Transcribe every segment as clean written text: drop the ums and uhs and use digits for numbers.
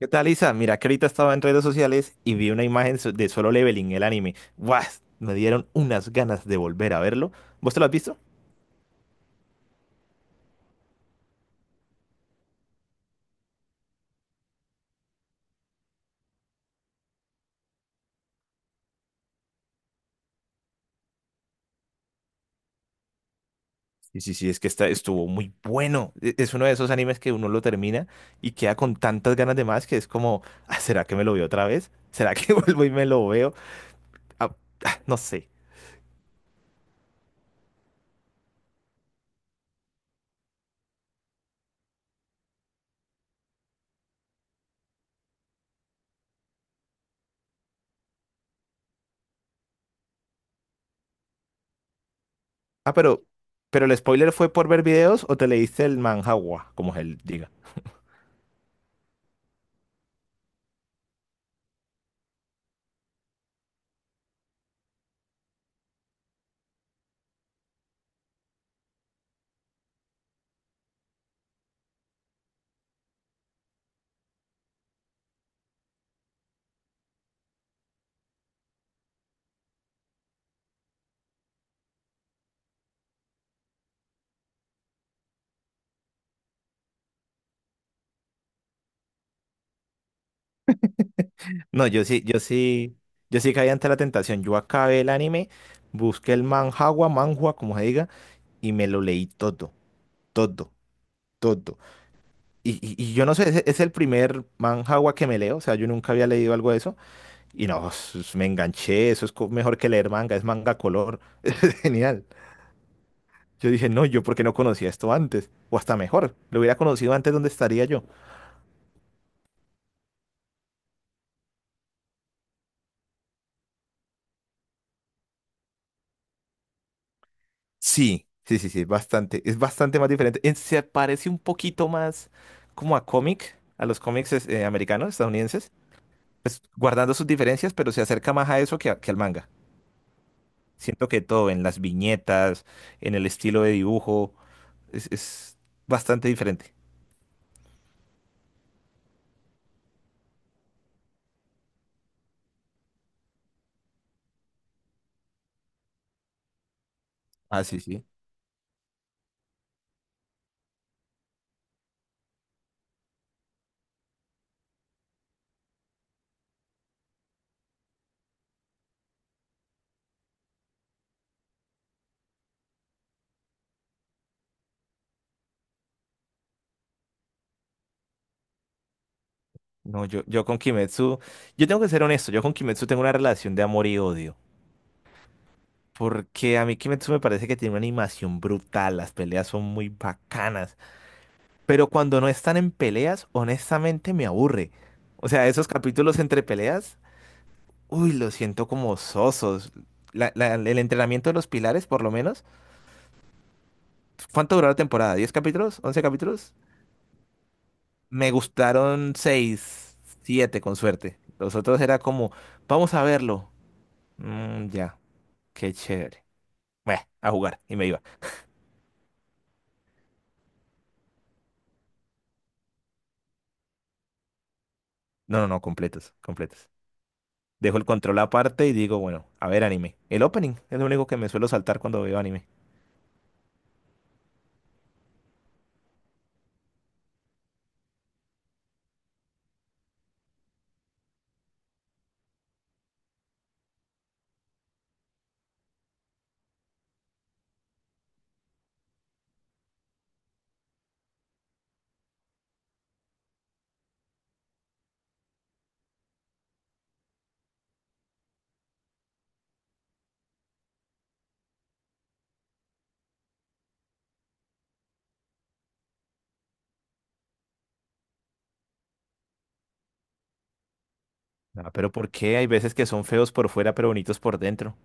¿Qué tal, Isa? Mira, que ahorita estaba en redes sociales y vi una imagen de Solo Leveling, el anime. ¡Guau! Me dieron unas ganas de volver a verlo. ¿Vos te lo has visto? Sí, sí, sí, es estuvo muy bueno. Es uno de esos animes que uno lo termina y queda con tantas ganas de más que es como, "Ah, ¿será que me lo veo otra vez? ¿Será que vuelvo y me lo veo? Ah, ah, no sé. Ah, pero, pero el spoiler fue por ver videos o te leíste el manhwa, como él diga. No, yo sí caí ante la tentación. Yo acabé el anime, busqué el manhwa, como se diga, y me lo leí todo, todo, todo. Y yo no sé, es el primer manhwa que me leo, o sea, yo nunca había leído algo de eso. Y no, me enganché, eso es mejor que leer manga, es manga color, es genial. Yo dije, no, yo porque no conocía esto antes, o hasta mejor, lo hubiera conocido antes, ¿dónde estaría yo? Sí, sí, sí, sí, bastante. Es bastante más diferente. Se parece un poquito más como a cómic, a los cómics americanos, estadounidenses, pues guardando sus diferencias, pero se acerca más a eso que al manga. Siento que todo, en las viñetas, en el estilo de dibujo, es bastante diferente. Ah, sí, sí. No, yo con Kimetsu, yo tengo que ser honesto, yo con Kimetsu tengo una relación de amor y odio. Porque a mí Kimetsu me parece que tiene una animación brutal, las peleas son muy bacanas, pero cuando no están en peleas, honestamente me aburre. O sea, esos capítulos entre peleas, uy, los siento como sosos. El entrenamiento de los pilares, por lo menos. ¿Cuánto duró la temporada? ¿10 capítulos? ¿11 capítulos? Me gustaron 6, 7, con suerte. Los otros era como, vamos a verlo. Mm, ya, qué chévere. Bueno, a jugar. Y me iba. No, no, no, completos, completos. Dejo el control aparte y digo, bueno, a ver anime. El opening es lo único que me suelo saltar cuando veo anime. Ah, pero ¿por qué? Hay veces que son feos por fuera, pero bonitos por dentro.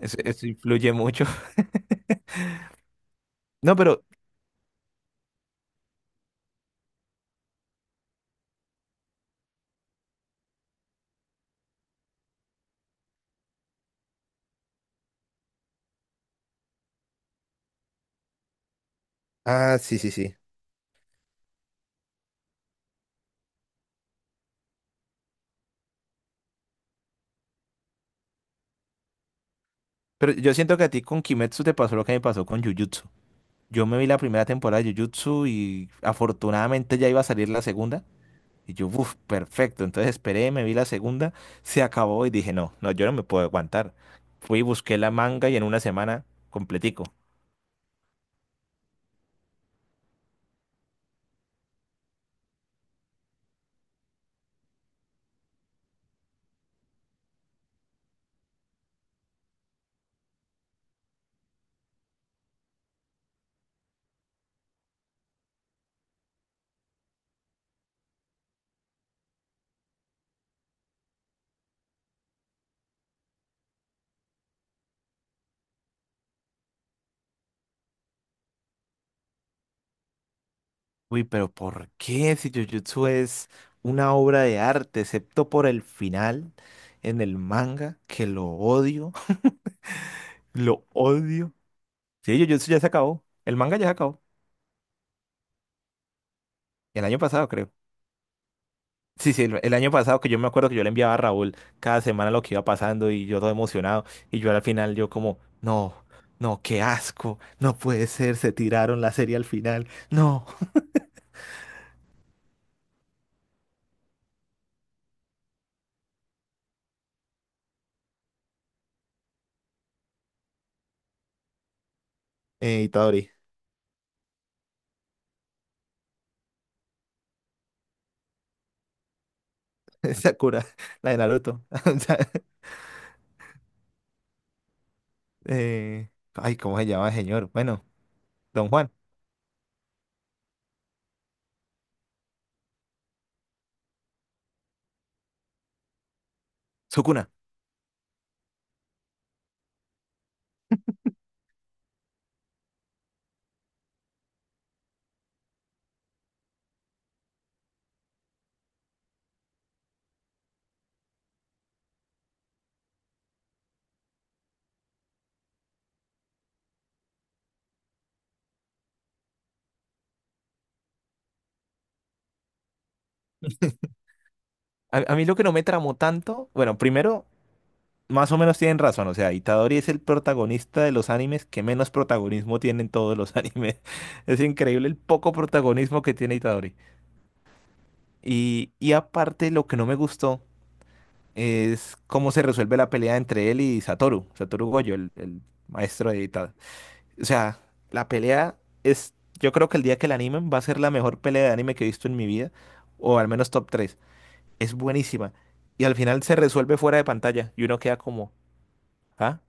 Eso influye mucho. No, pero, ah, sí, sí, sí, pero yo siento que a ti con Kimetsu te pasó lo que me pasó con Jujutsu. Yo me vi la primera temporada de Jujutsu y afortunadamente ya iba a salir la segunda. Y yo, uff, perfecto. Entonces esperé, me vi la segunda, se acabó y dije, no, no, yo no me puedo aguantar. Fui, y busqué la manga y en una semana completico. Uy, pero ¿por qué si Jujutsu es una obra de arte, excepto por el final en el manga, que lo odio, lo odio? Sí, Jujutsu ya se acabó, el manga ya se acabó, el año pasado creo. Sí, sí, el año pasado que yo me acuerdo que yo le enviaba a Raúl cada semana lo que iba pasando y yo todo emocionado y yo al final yo como, no, no, qué asco, no puede ser, se tiraron la serie al final, no. Itadori, Sakura, la de Naruto. Ay, ¿cómo se llama, el señor? Bueno, don Juan, Sukuna. A mí lo que no me tramó tanto, bueno, primero, más o menos tienen razón, o sea, Itadori es el protagonista de los animes que menos protagonismo tienen todos los animes. Es increíble el poco protagonismo que tiene Itadori. Y aparte, lo que no me gustó es cómo se resuelve la pelea entre él y Satoru, Satoru Gojo, el maestro de Itadori. O sea, la pelea es, yo creo que el día que la animen va a ser la mejor pelea de anime que he visto en mi vida, o al menos top tres. Es buenísima. Y al final se resuelve fuera de pantalla y uno queda como, ¿ah?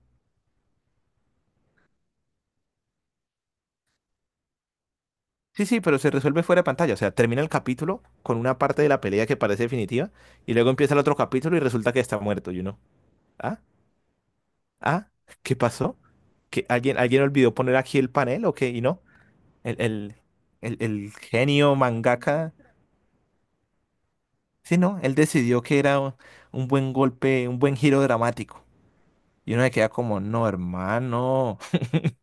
Sí, sí, pero se resuelve fuera de pantalla. O sea, termina el capítulo con una parte de la pelea que parece definitiva y luego empieza el otro capítulo y resulta que está muerto y uno, ¿ah? ¿Ah? ¿Qué pasó? ¿Que alguien, alguien olvidó poner aquí el panel o qué? Y no, el, el, el genio mangaka. Sí, no, él decidió que era un buen golpe, un buen giro dramático. Y uno se queda como, no, hermano.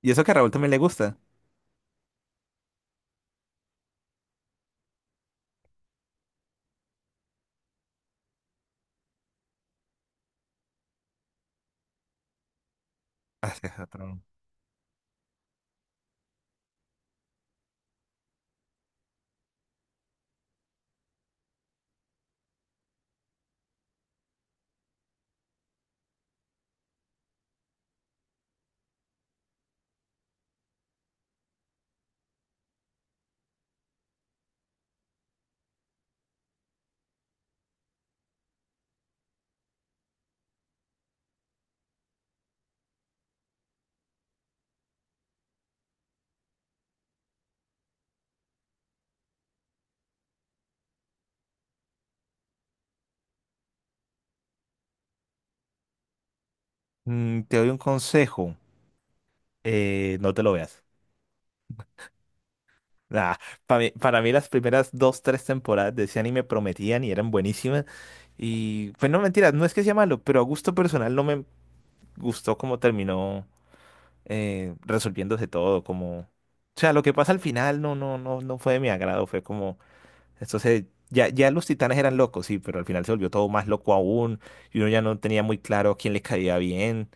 Y eso que a Raúl también le gusta. Ah, sí, es otro. Mm, te doy un consejo, no te lo veas. Nah, para mí, las primeras dos, tres temporadas de ese anime prometían y eran buenísimas. Y, pues no, mentiras, no es que sea malo, pero a gusto personal no me gustó cómo terminó, resolviéndose todo. Como, o sea, lo que pasa al final no, no, no, no fue de mi agrado. Fue como. Entonces, ya, ya los titanes eran locos, sí, pero al final se volvió todo más loco aún. Y uno ya no tenía muy claro quién le caía bien.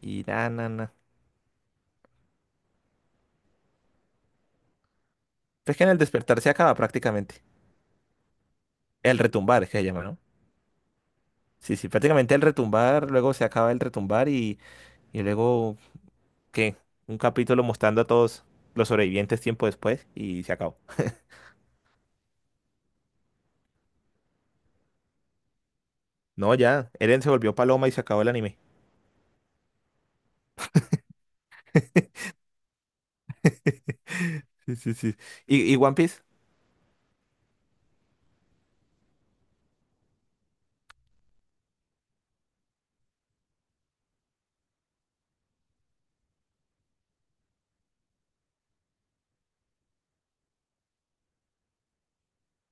Y nada, nada, nada. Pero es que en el despertar se acaba prácticamente. El retumbar, es que se llama, ¿no? Sí, sí, prácticamente el retumbar, luego se acaba el retumbar y luego, ¿qué? Un capítulo mostrando a todos los sobrevivientes tiempo después y se acabó. No, ya, Eren se volvió paloma y se acabó el anime. Sí, sí, sí. ¿Y One Piece?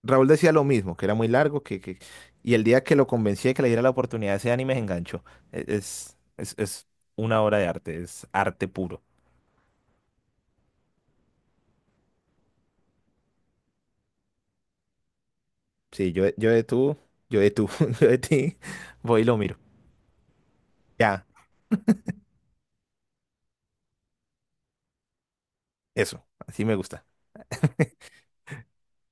Raúl decía lo mismo, que era muy largo, y el día que lo convencí de que le diera la oportunidad ese anime se enganchó. Es una obra de arte, es arte puro. Sí, yo de tú, yo de ti, voy y lo miro. Ya, eso, así me gusta.